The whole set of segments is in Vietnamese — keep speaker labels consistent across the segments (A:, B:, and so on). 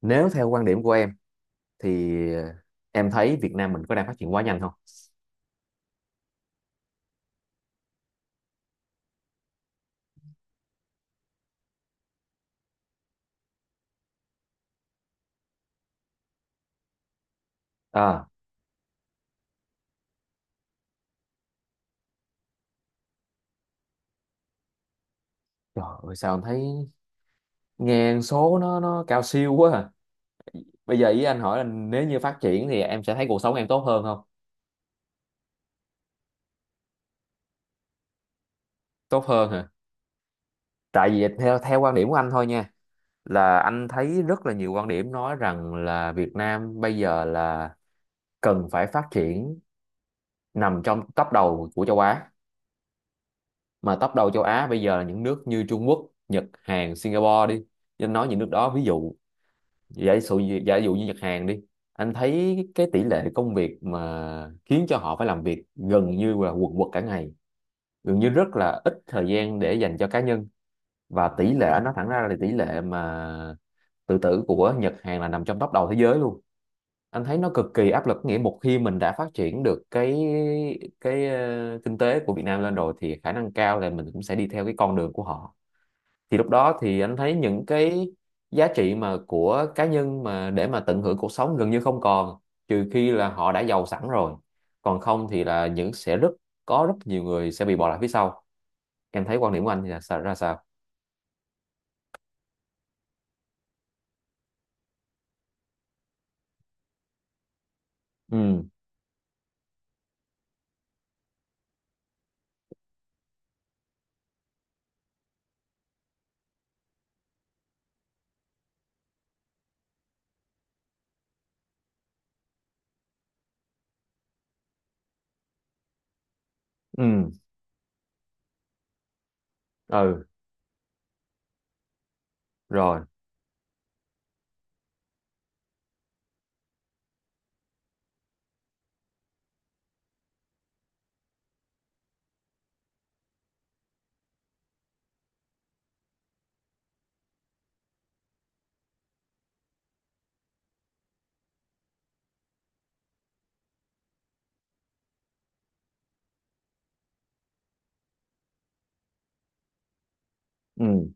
A: Nếu theo quan điểm của em thì em thấy Việt Nam mình có đang phát triển quá nhanh không? À, trời ơi, sao em thấy nghe số nó cao siêu quá à. Bây giờ ý anh hỏi là nếu như phát triển thì em sẽ thấy cuộc sống em tốt hơn không? Tốt hơn hả? Tại vì theo theo quan điểm của anh thôi nha, là anh thấy rất là nhiều quan điểm nói rằng là Việt Nam bây giờ là cần phải phát triển, nằm trong top đầu của châu Á. Mà top đầu châu Á bây giờ là những nước như Trung Quốc, Nhật, Hàn, Singapore đi, nên nói những nước đó ví dụ, giả dụ giả dụ như Nhật, Hàn đi, anh thấy cái tỷ lệ công việc mà khiến cho họ phải làm việc gần như là quần quật cả ngày, gần như rất là ít thời gian để dành cho cá nhân. Và tỷ lệ, anh nói thẳng ra là tỷ lệ mà tự tử của Nhật, Hàn là nằm trong top đầu thế giới luôn. Anh thấy nó cực kỳ áp lực, nghĩa một khi mình đã phát triển được cái kinh tế của Việt Nam lên rồi thì khả năng cao là mình cũng sẽ đi theo cái con đường của họ. Thì lúc đó thì anh thấy những cái giá trị mà của cá nhân mà để mà tận hưởng cuộc sống gần như không còn, trừ khi là họ đã giàu sẵn rồi, còn không thì là những sẽ rất có rất nhiều người sẽ bị bỏ lại phía sau. Em thấy quan điểm của anh thì là sao, ra sao? Ừ. Ừ. Ừ. Rồi. Ừ.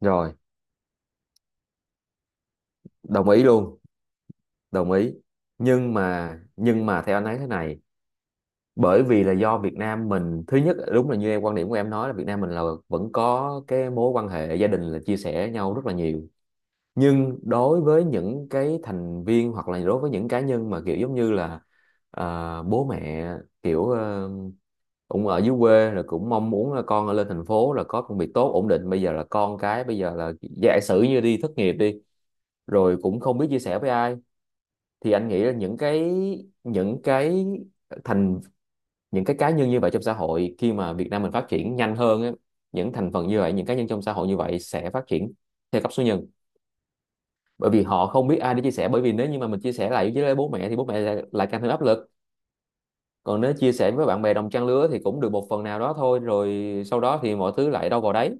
A: Rồi. Đồng ý luôn. Đồng ý. Nhưng mà theo anh thấy thế này, bởi vì là do Việt Nam mình thứ nhất, đúng là như em, quan điểm của em nói là Việt Nam mình là vẫn có cái mối quan hệ gia đình là chia sẻ nhau rất là nhiều. Nhưng đối với những cái thành viên hoặc là đối với những cá nhân mà kiểu giống như là bố mẹ, kiểu cũng ở dưới quê rồi cũng mong muốn là con lên thành phố là có công việc tốt ổn định, bây giờ là con cái bây giờ là giả sử như đi thất nghiệp đi rồi cũng không biết chia sẻ với ai. Thì anh nghĩ là những cái thành những cái cá nhân như vậy trong xã hội, khi mà Việt Nam mình phát triển nhanh hơn á, những thành phần như vậy, những cá nhân trong xã hội như vậy sẽ phát triển theo cấp số nhân, bởi vì họ không biết ai để chia sẻ, bởi vì nếu như mà mình chia sẻ lại với bố mẹ thì bố mẹ lại càng thêm áp lực. Còn nếu chia sẻ với bạn bè đồng trang lứa thì cũng được một phần nào đó thôi, rồi sau đó thì mọi thứ lại đâu vào đấy,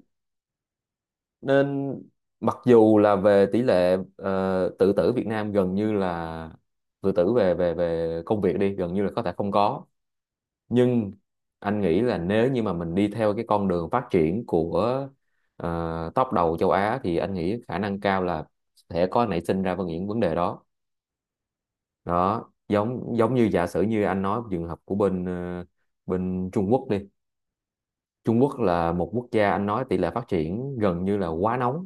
A: nên mặc dù là về tỷ lệ tự tử Việt Nam gần như là tự tử về về về công việc đi gần như là có thể không có, nhưng anh nghĩ là nếu như mà mình đi theo cái con đường phát triển của top đầu châu Á thì anh nghĩ khả năng cao là sẽ có nảy sinh ra những vấn đề đó. Đó, giống giống như giả sử như anh nói trường hợp của bên Trung Quốc đi. Trung Quốc là một quốc gia, anh nói tỷ lệ phát triển gần như là quá nóng.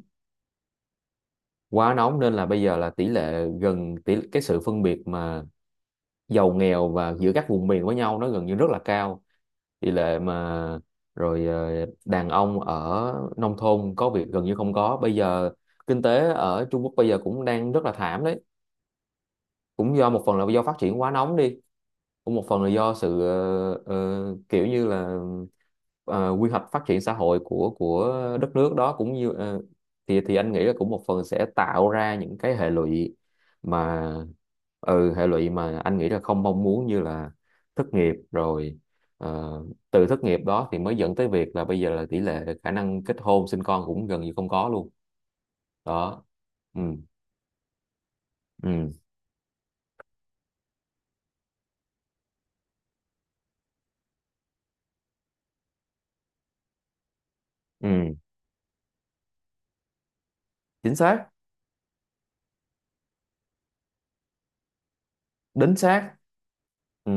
A: Quá nóng nên là bây giờ là tỷ lệ gần tỷ cái sự phân biệt mà giàu nghèo và giữa các vùng miền với nhau nó gần như rất là cao. Tỷ lệ mà Rồi đàn ông ở nông thôn có việc gần như không có. Bây giờ kinh tế ở Trung Quốc bây giờ cũng đang rất là thảm đấy, cũng do một phần là do phát triển quá nóng đi, cũng một phần là do sự kiểu như là quy hoạch phát triển xã hội của đất nước đó, cũng như thì anh nghĩ là cũng một phần sẽ tạo ra những cái hệ lụy mà, ừ, hệ lụy mà anh nghĩ là không mong muốn, như là thất nghiệp, rồi ờ, từ thất nghiệp đó thì mới dẫn tới việc là bây giờ là tỷ lệ khả năng kết hôn sinh con cũng gần như không có luôn. Đó. Ừ. Ừ. Ừ. Chính xác. Đính xác. Ừ.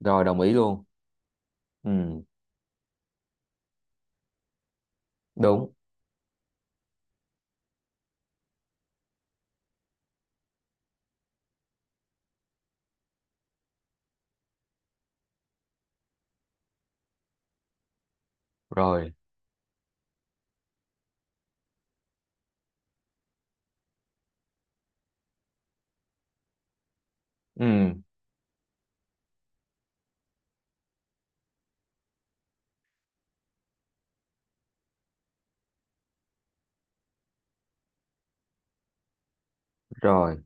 A: Rồi. Đồng ý luôn. Ừ. Đúng rồi. Ừ. Rồi.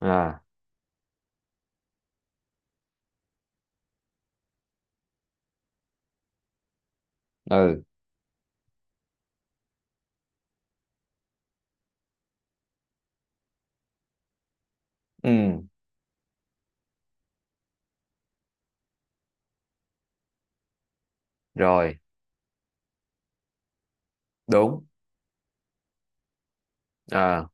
A: À. Ừ. Ừ. Rồi. Đúng. À.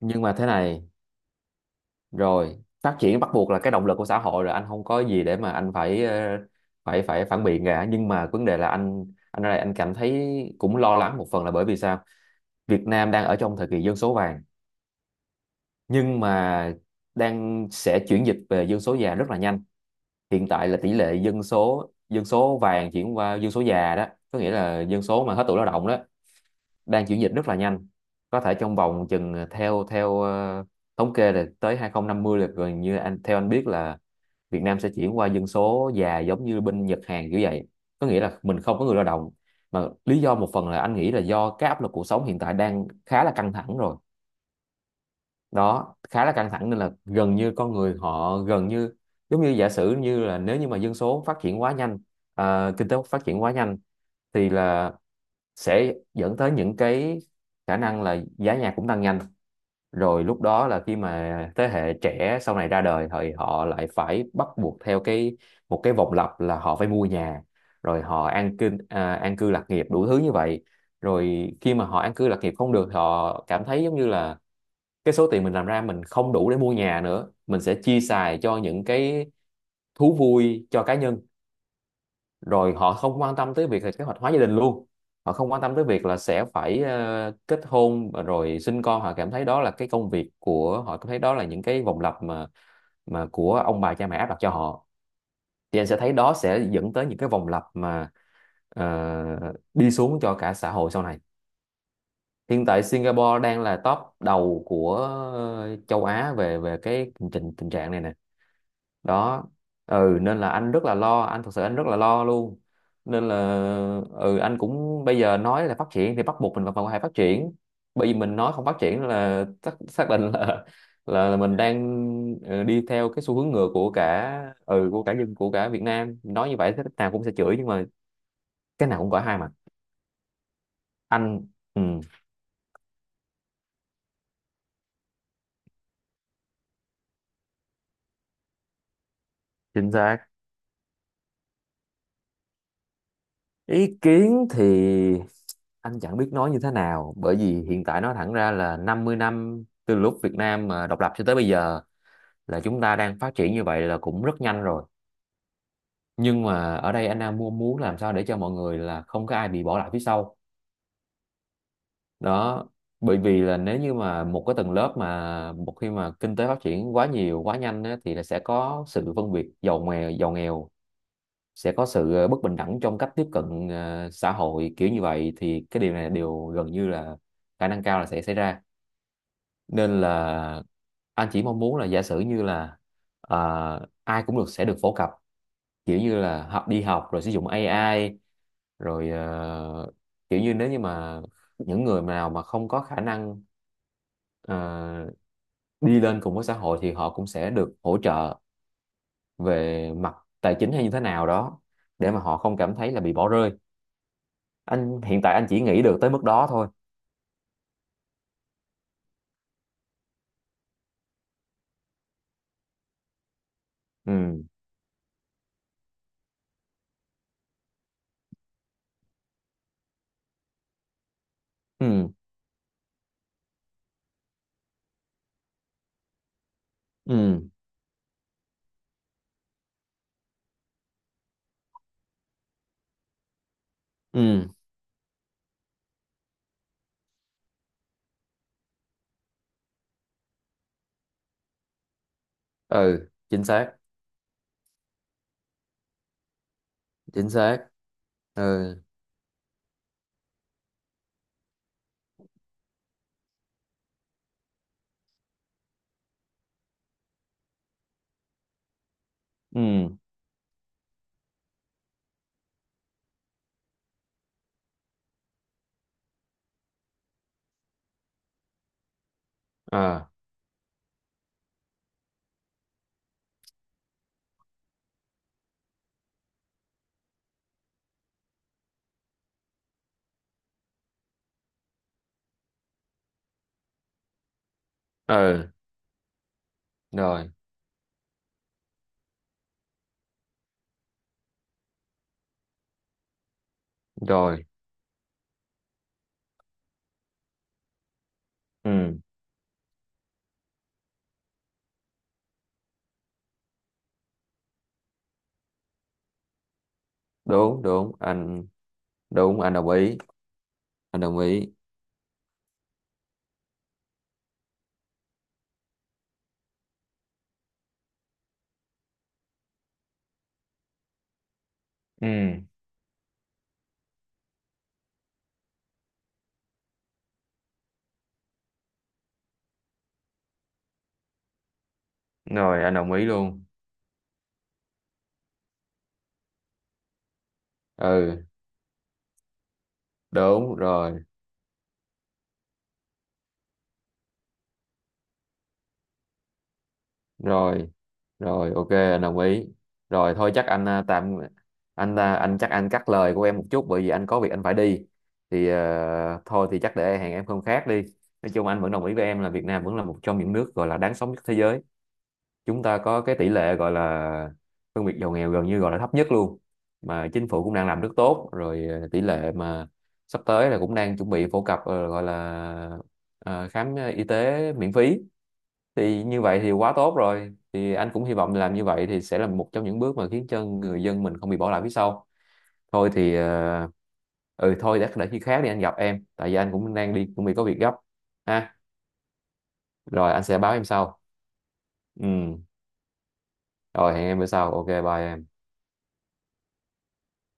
A: Nhưng mà thế này. Rồi phát triển bắt buộc là cái động lực của xã hội rồi, anh không có gì để mà anh phải ờ, phải phải phản biện cả. Nhưng mà vấn đề là anh, ở đây anh cảm thấy cũng lo lắng một phần, là bởi vì sao? Việt Nam đang ở trong thời kỳ dân số vàng, nhưng mà đang sẽ chuyển dịch về dân số già rất là nhanh. Hiện tại là tỷ lệ dân số vàng chuyển qua dân số già đó, có nghĩa là dân số mà hết tuổi lao động đó đang chuyển dịch rất là nhanh. Có thể trong vòng chừng theo theo thống kê là tới 2050 là gần như anh theo anh biết là Việt Nam sẽ chuyển qua dân số già giống như bên Nhật, Hàn kiểu vậy, có nghĩa là mình không có người lao động, mà lý do một phần là anh nghĩ là do cái áp lực cuộc sống hiện tại đang khá là căng thẳng rồi. Đó, khá là căng thẳng nên là gần như con người họ gần như giống như giả sử như là nếu như mà dân số phát triển quá nhanh, kinh tế phát triển quá nhanh thì là sẽ dẫn tới những cái khả năng là giá nhà cũng tăng nhanh. Rồi lúc đó là khi mà thế hệ trẻ sau này ra đời thì họ lại phải bắt buộc theo cái, một cái vòng lặp là họ phải mua nhà, rồi họ an cư lạc nghiệp đủ thứ như vậy. Rồi khi mà họ an cư lạc nghiệp không được, họ cảm thấy giống như là cái số tiền mình làm ra mình không đủ để mua nhà nữa, mình sẽ chia xài cho những cái thú vui cho cá nhân. Rồi họ không quan tâm tới việc là kế hoạch hóa gia đình luôn. Họ không quan tâm tới việc là sẽ phải kết hôn rồi sinh con, họ cảm thấy đó là cái công việc của họ, cảm thấy đó là những cái vòng lặp mà của ông bà cha mẹ áp đặt cho họ. Thì anh sẽ thấy đó sẽ dẫn tới những cái vòng lặp mà ờ, đi xuống cho cả xã hội sau này. Hiện tại Singapore đang là top đầu của châu Á về về cái tình tình trạng này nè. Đó. Ừ, nên là anh rất là lo, anh thật sự anh rất là lo luôn. Nên là ừ, anh cũng bây giờ nói là phát triển thì bắt buộc mình phải phải phát triển, bởi vì mình nói không phát triển là xác định là, là mình đang đi theo cái xu hướng ngược của cả, ừ, của cả dân của cả Việt Nam, nói như vậy thế nào cũng sẽ chửi, nhưng mà cái nào cũng có hai mặt. Anh. Ừ. Chính xác. Ý kiến thì anh chẳng biết nói như thế nào, bởi vì hiện tại nói thẳng ra là 50 năm từ lúc Việt Nam mà độc lập cho tới bây giờ là chúng ta đang phát triển như vậy là cũng rất nhanh rồi. Nhưng mà ở đây anh đang muốn muốn làm sao để cho mọi người là không có ai bị bỏ lại phía sau. Đó. Bởi vì là nếu như mà một cái tầng lớp mà một khi mà kinh tế phát triển quá nhiều quá nhanh á, thì là sẽ có sự phân biệt giàu nghèo, giàu nghèo sẽ có sự bất bình đẳng trong cách tiếp cận xã hội kiểu như vậy, thì cái điều này đều gần như là khả năng cao là sẽ xảy ra. Nên là anh chỉ mong muốn là giả sử như là ai cũng được sẽ được phổ cập, kiểu như là học, đi học rồi sử dụng AI, rồi kiểu như nếu như mà những người nào mà không có khả năng ờ, đi lên cùng với xã hội thì họ cũng sẽ được hỗ trợ về mặt tài chính hay như thế nào đó, để mà họ không cảm thấy là bị bỏ rơi. Anh hiện tại anh chỉ nghĩ được tới mức đó thôi. Ừ. Ừ. Ừ. Ừ. Ừ. Chính xác. Chính xác. Ừ. Ừ. À. Ừ. Rồi. Rồi. Ừ. Đúng. Đúng anh. Đúng anh, đồng ý. Anh đồng ý. Ừ. Rồi anh đồng ý luôn. Ừ. Đúng rồi. Rồi. Rồi. OK anh đồng ý. Rồi thôi chắc anh à, tạm anh à, anh chắc anh cắt lời của em một chút bởi vì anh có việc anh phải đi. Thì thôi thì chắc để hẹn em hôm khác đi. Nói chung anh vẫn đồng ý với em là Việt Nam vẫn là một trong những nước gọi là đáng sống nhất thế giới. Chúng ta có cái tỷ lệ gọi là phân biệt giàu nghèo gần như gọi là thấp nhất luôn. Mà chính phủ cũng đang làm rất tốt rồi, tỷ lệ mà sắp tới là cũng đang chuẩn bị phổ cập gọi là khám y tế miễn phí. Thì như vậy thì quá tốt rồi, thì anh cũng hy vọng làm như vậy thì sẽ là một trong những bước mà khiến cho người dân mình không bị bỏ lại phía sau. Thôi thì ừ thôi, để khi khác đi anh gặp em, tại vì anh cũng đang đi cũng bị có việc gấp ha. Rồi anh sẽ báo em sau. Ừ, rồi hẹn em bữa sau. OK, bye em.